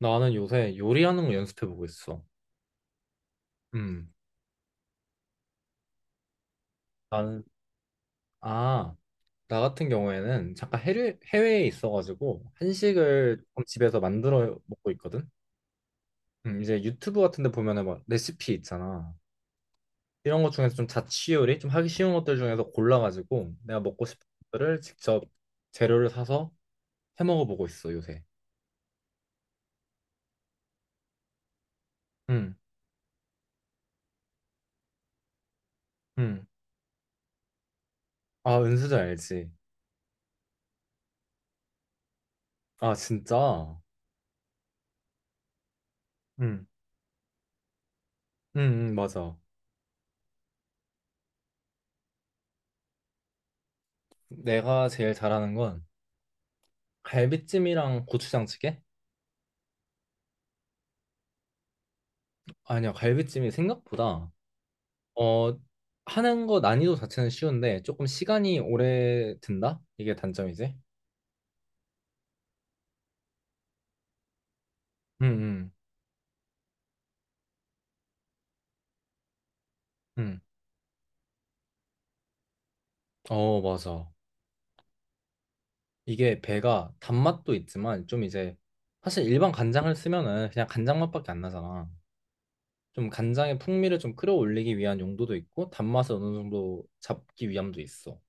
나는 요새 요리하는 거 연습해보고 있어. 음, 나는, 아, 나 같은 경우에는 잠깐 해외에 있어가지고 한식을 조금 집에서 만들어 먹고 있거든? 이제 유튜브 같은 데 보면은 막 레시피 있잖아. 이런 것 중에서 좀 자취 요리, 좀 하기 쉬운 것들 중에서 골라가지고 내가 먹고 싶은 것들을 직접 재료를 사서 해 먹어보고 있어, 요새. 음, 음. 아, 은수저 알지? 아, 진짜? 음, 응, 응, 맞아. 내가 제일 잘하는 건 갈비찜이랑 고추장찌개? 아니야, 갈비찜이 생각보다 어 하는 거 난이도 자체는 쉬운데 조금 시간이 오래 든다? 이게 단점이지? 응, 응, 응. 어, 맞아. 이게 배가 단맛도 있지만 좀 이제 사실 일반 간장을 쓰면은 그냥 간장 맛밖에 안 나잖아. 좀 간장의 풍미를 좀 끌어올리기 위한 용도도 있고 단맛을 어느 정도 잡기 위함도 있어.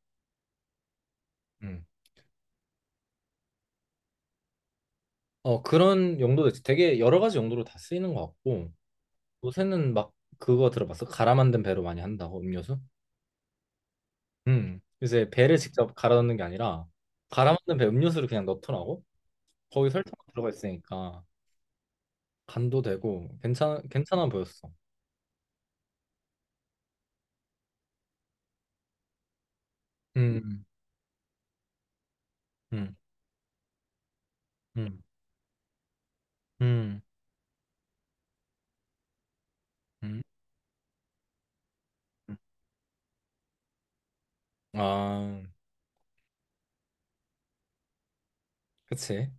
응. 어, 그런 용도도 있지. 되게 여러 가지 용도로 다 쓰이는 것 같고. 요새는 막 그거 들어봤어? 갈아 만든 배로 많이 한다고 음료수? 음. 요새 배를 직접 갈아 넣는 게 아니라 갈아 만든 배 음료수를 그냥 넣더라고. 거기 설탕 들어가 있으니까 간도 되고 괜찮아 보였어. 음. 음. 음. 음. 음. 음. 아, 그치.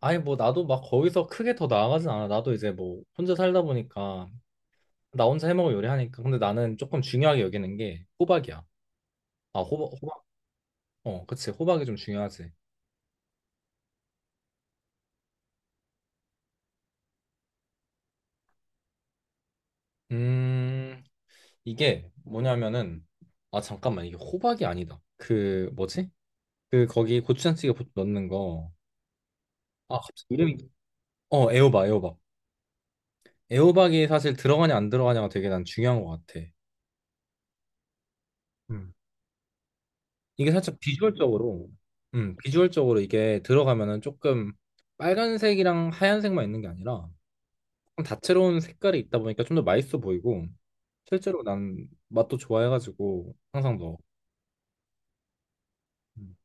아니, 뭐, 나도 막 거기서 크게 더 나아가진 않아. 나도 이제 뭐, 혼자 살다 보니까, 나 혼자 해먹을 요리하니까. 근데 나는 조금 중요하게 여기는 게 호박이야. 아, 호박, 호박? 어, 그치. 호박이 좀 중요하지. 음. 이게 뭐냐면은 아 잠깐만 이게 호박이 아니다. 그 뭐지? 그 거기 고추장찌개 보통 넣는 거. 아 갑자기 이름이 어 애호박 애호박. 애호박이 사실 들어가냐 안 들어가냐가 되게 난 중요한 것 같아. 음. 이게 살짝 비주얼적으로 비주얼적으로 이게 들어가면은 조금 빨간색이랑 하얀색만 있는 게 아니라 조금 다채로운 색깔이 있다 보니까 좀 더 맛있어 보이고 실제로 난 맛도 좋아해가지고 항상 넣어. 음.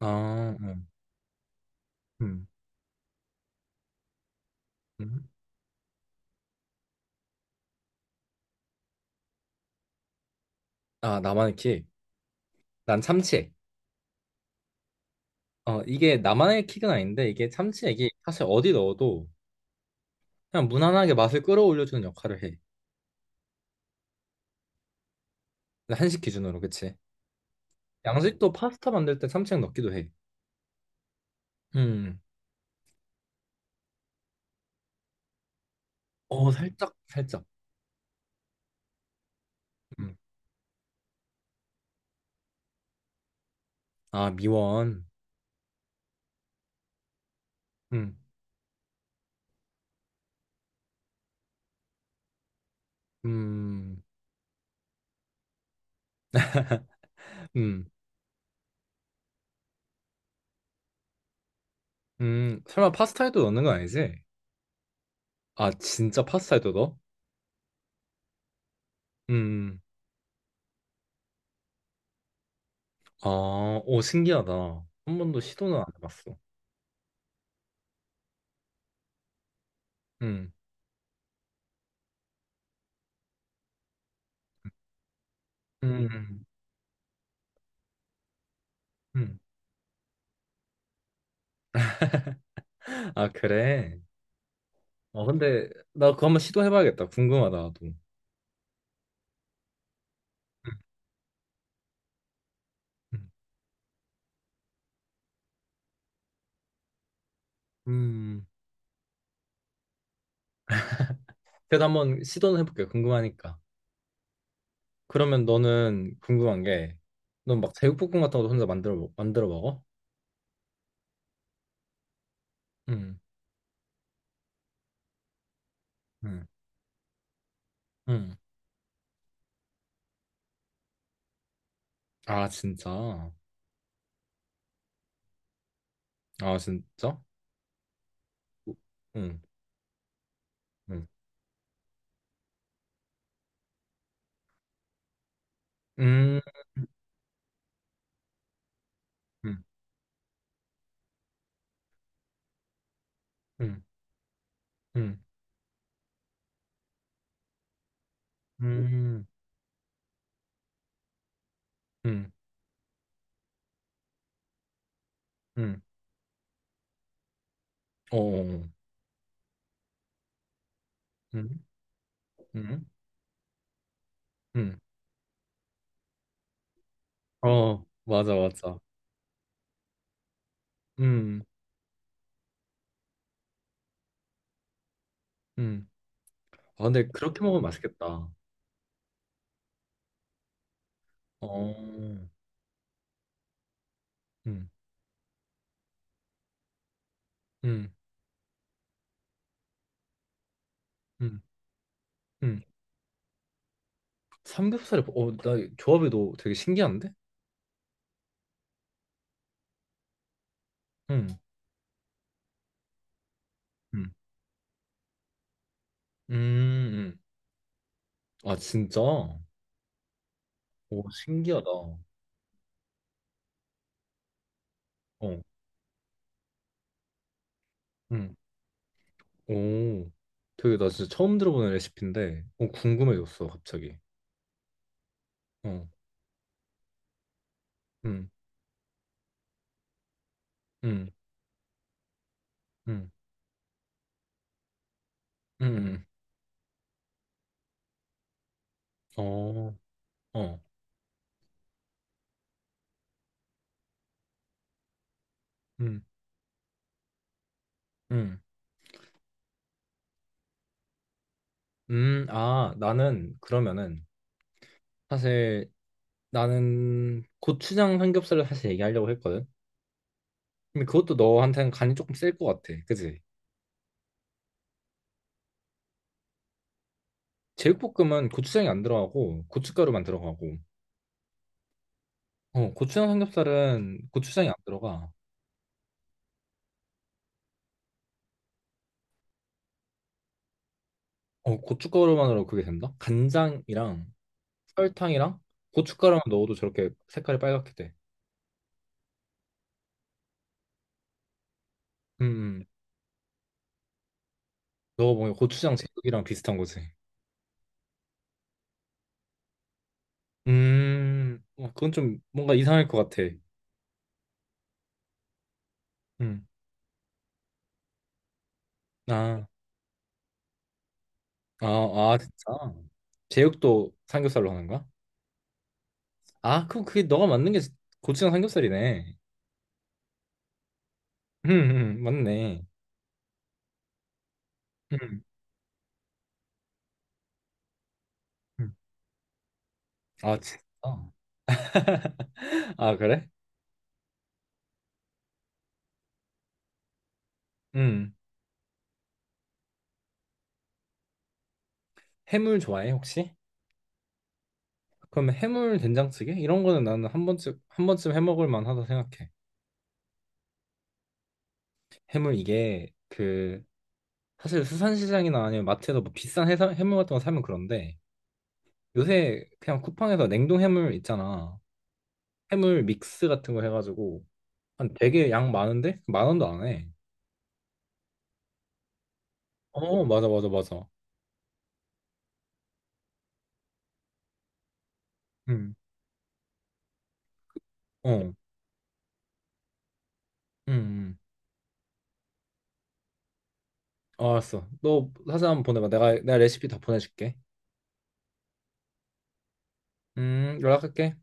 아, 음. 음. 아, 나만의 키. 난 참치액. 어, 이게 나만의 킥은 아닌데 이게 참치액이 사실 어디 넣어도 그냥 무난하게 맛을 끌어올려주는 역할을 해. 한식 기준으로, 그치? 양식도 파스타 만들 때 참치액 넣기도 해. 음. 어, 살짝, 살짝. 음. 아, 미원. 음. 음. 음. 음. 설마 파스타에도 넣는 건 아니지? 아, 진짜 파스타에도 넣어? 음. 아, 오, 신기하다. 한 번도 시도는 안 해봤어. 음. 음. 음. 아, 그래. 어, 근데 나 그거 한번 시도해봐야겠다. 궁금하다, 나도. 음. 음. 그래도 한번 시도는 해볼게. 궁금하니까. 그러면 너는 궁금한 게, 넌 막 제육볶음 같은 것도 혼자 만들어 먹- 만들어 먹어? 응, 응, 응. 아, 진짜? 아, 진짜? 응, 응, 음, 응, 응, 응, 음 응, 응, 어, 응, 응, 응. 어, 맞아, 맞아. 응, 응. 아, 근데 그렇게 먹으면 맛있겠다. 어, 응. 음, 음, 음. 삼겹살에, 어, 나 조합이 너 되게 신기한데? 음, 음, 음, 음. 아, 진짜? 오, 신기하다. 어, 음, 오. 되게 나 진짜 처음 들어보는 레시피인데, 어, 궁금해졌어, 갑자기. 어, 음, 음, 음, 음, 음. 어, 어, 음, 음, 아, 나는 그러면은, 사실 나는 고추장 삼겹살을 사실 얘기하려고 했거든? 근데 그것도 너한테는 간이 조금 셀 것 같아. 그지? 제육볶음은 고추장이 안 들어가고 고춧가루만 들어가고 어 고추장 삼겹살은 고추장이 안 들어가 어 고춧가루만으로 그게 된다? 간장이랑 설탕이랑 고춧가루만 넣어도 저렇게 색깔이 빨갛게 돼. 음, 음. 넣어보면 고추장 제육이랑 비슷한 거지. 어, 그건 좀 뭔가 이상할 것 같아. 음, 아, 아, 아, 진짜? 제육도 삼겹살로 하는 거야? 아, 그럼 그게 너가 만든 게 고추장 삼겹살이네. 맞네. 음, 음. 아, 진짜? 아, 그래? 음. 해물 좋아해, 혹시? 그럼 해물 된장찌개? 이런 거는 나는 한 번쯤, 한 번쯤 해 먹을 만하다 생각해. 해물 이게 그, 사실 수산시장이나 아니면 마트에서 뭐 비싼 해물 같은 거 사면 그런데 요새 그냥 쿠팡에서 냉동 해물 있잖아. 해물 믹스 같은 거 해가지고 한 되게 양 많은데? 만 원도 안 해. 어, 맞아, 맞아, 맞아. 음. 어, 음. 어, 알았어. 너 사진 한번 보내봐. 내가 레시피 다 보내줄게. 연락할게.